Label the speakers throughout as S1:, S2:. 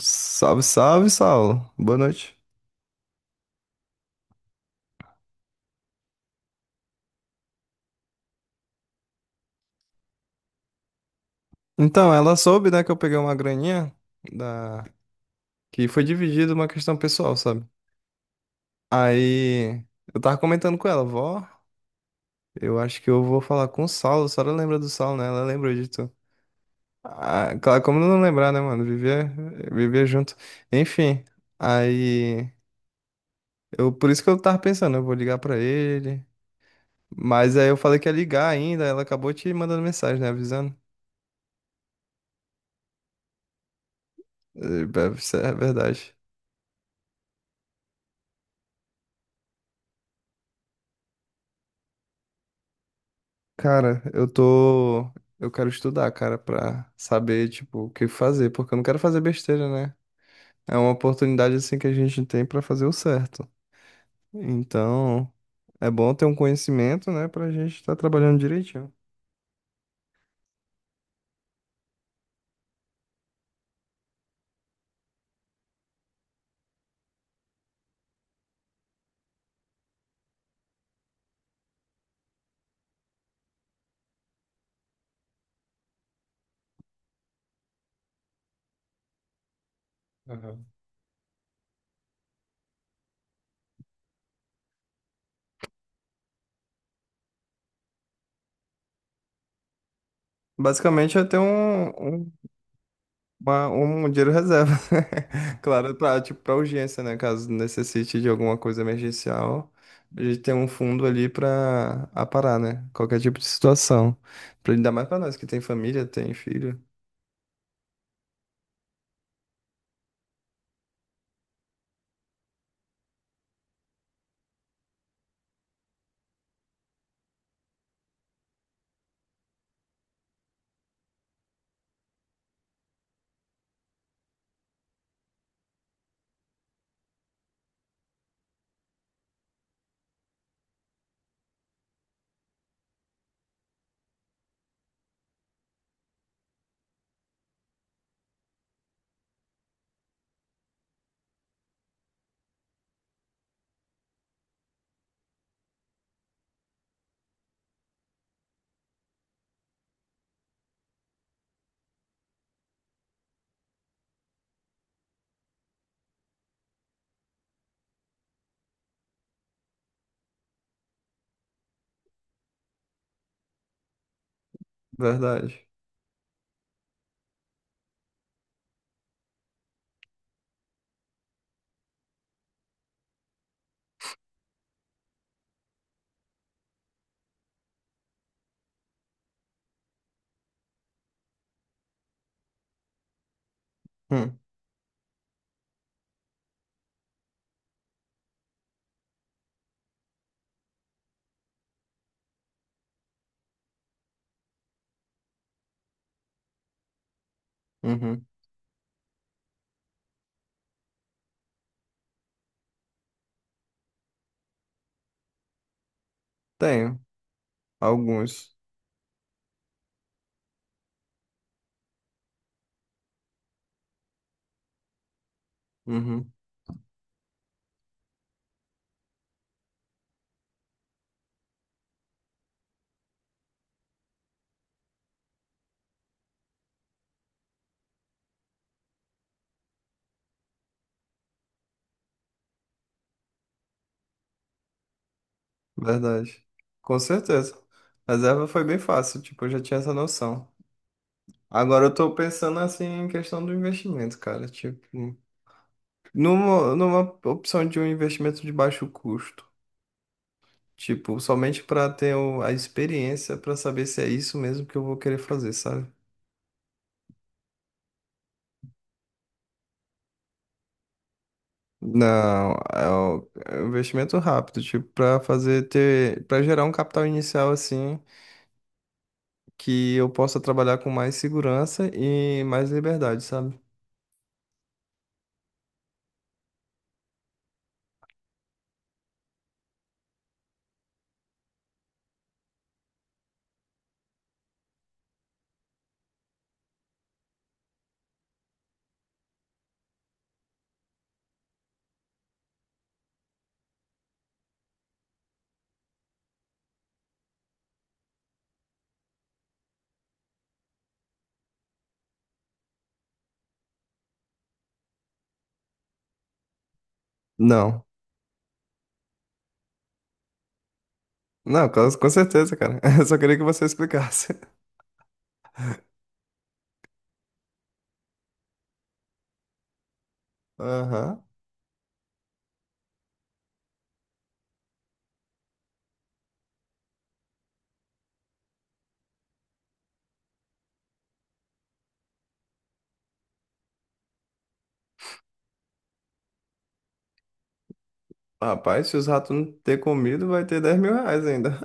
S1: Salve, salve, Saulo. Boa noite. Então, ela soube, né, que eu peguei uma graninha da que foi dividida uma questão pessoal, sabe? Aí eu tava comentando com ela, vó, eu acho que eu vou falar com o Saulo. A senhora lembra do Saulo, né? Ela lembrou de tu. Ah, claro, como não lembrar, né, mano? Viver junto. Enfim, aí eu por isso que eu tava pensando, eu vou ligar pra ele. Mas aí eu falei que ia ligar ainda, ela acabou te mandando mensagem, né, avisando. Eh, Isso é verdade. Cara, eu tô. Eu quero estudar, cara, pra saber, tipo, o que fazer, porque eu não quero fazer besteira, né? É uma oportunidade, assim, que a gente tem pra fazer o certo. Então, é bom ter um conhecimento, né, pra gente estar trabalhando direitinho. Aham. Basicamente, é ter um dinheiro reserva. Claro, para tipo, para urgência, né? Caso necessite de alguma coisa emergencial, a gente tem um fundo ali para aparar, né? Qualquer tipo de situação. Pra ainda mais para nós que tem família, tem filho. Verdade. Hum, uhum. Tenho alguns. Uhum. Verdade. Com certeza. Reserva foi bem fácil, tipo, eu já tinha essa noção. Agora eu tô pensando assim em questão do investimento, cara. Numa opção de um investimento de baixo custo. Tipo, somente para ter a experiência para saber se é isso mesmo que eu vou querer fazer, sabe? Não, é é um investimento rápido, tipo, para gerar um capital inicial assim, que eu possa trabalhar com mais segurança e mais liberdade, sabe? Não. Não, com certeza, cara. Eu só queria que você explicasse. Aham. Rapaz, se os ratos não ter comido, vai ter 10 mil reais ainda.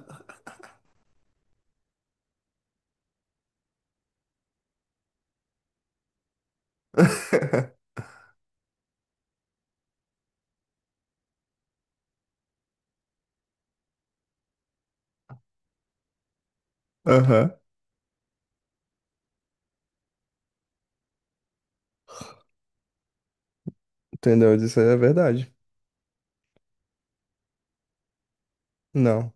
S1: Aham. Entendeu? Isso aí é verdade. Não.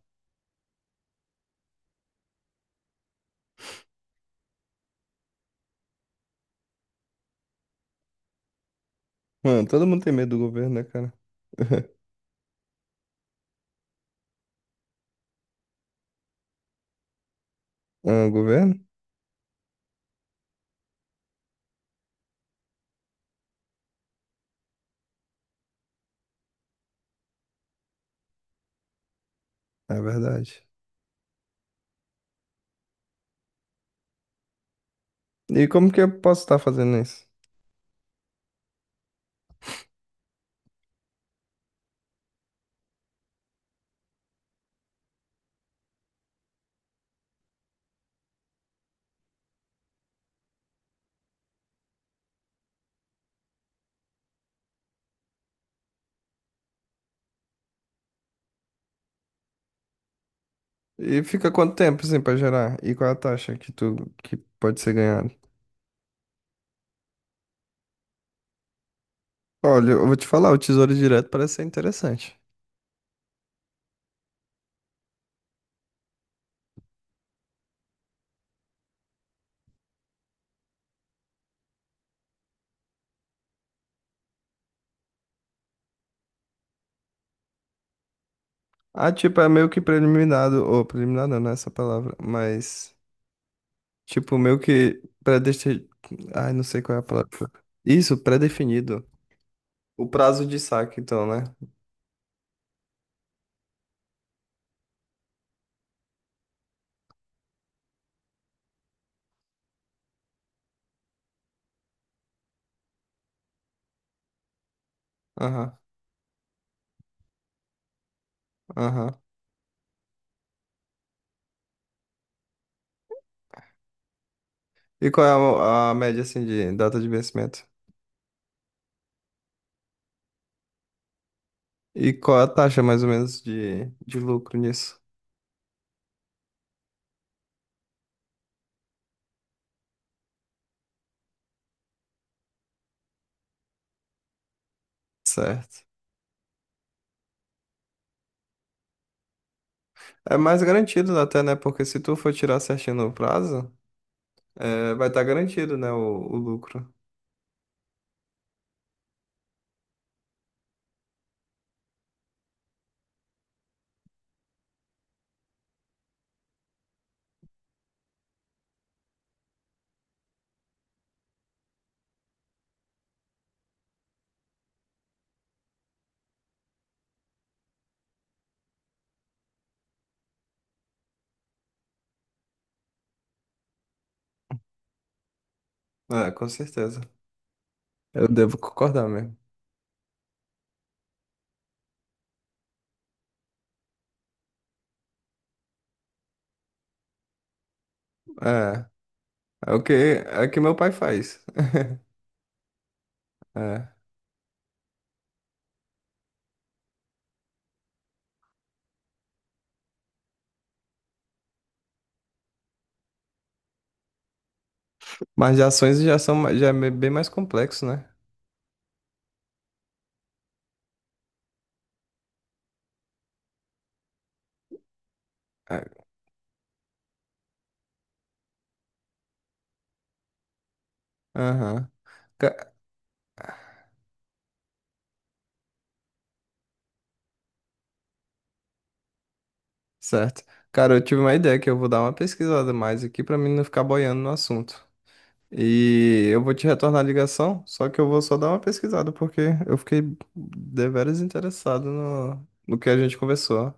S1: Mano, todo mundo tem medo do governo, né, cara? Ah, governo? É verdade. E como que eu posso estar fazendo isso? E fica quanto tempo, assim, pra gerar? E qual é a taxa que tu que pode ser ganhada? Olha, eu vou te falar, o Tesouro Direto parece ser interessante. Ah, tipo, é meio que preliminado, ou preliminar não, não é essa palavra, mas, tipo, meio que predestinado, ai, não sei qual é a palavra. Isso, pré-definido. O prazo de saque, então, né? Aham, aham. E qual é a média, assim, de data de vencimento? E qual é a taxa, mais ou menos, de lucro nisso? Certo. É mais garantido até, né? Porque se tu for tirar certinho no prazo, vai estar garantido, né? O lucro. É, com certeza. Eu devo concordar mesmo. É, é o que meu pai faz. É. Mas de ações já é bem mais complexo, né? É. Aham. Ca- Certo. Cara, eu tive uma ideia que eu vou dar uma pesquisada mais aqui pra mim não ficar boiando no assunto. E eu vou te retornar a ligação, só que eu vou só dar uma pesquisada, porque eu fiquei deveras interessado no que a gente conversou.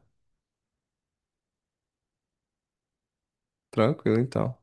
S1: Tranquilo, então.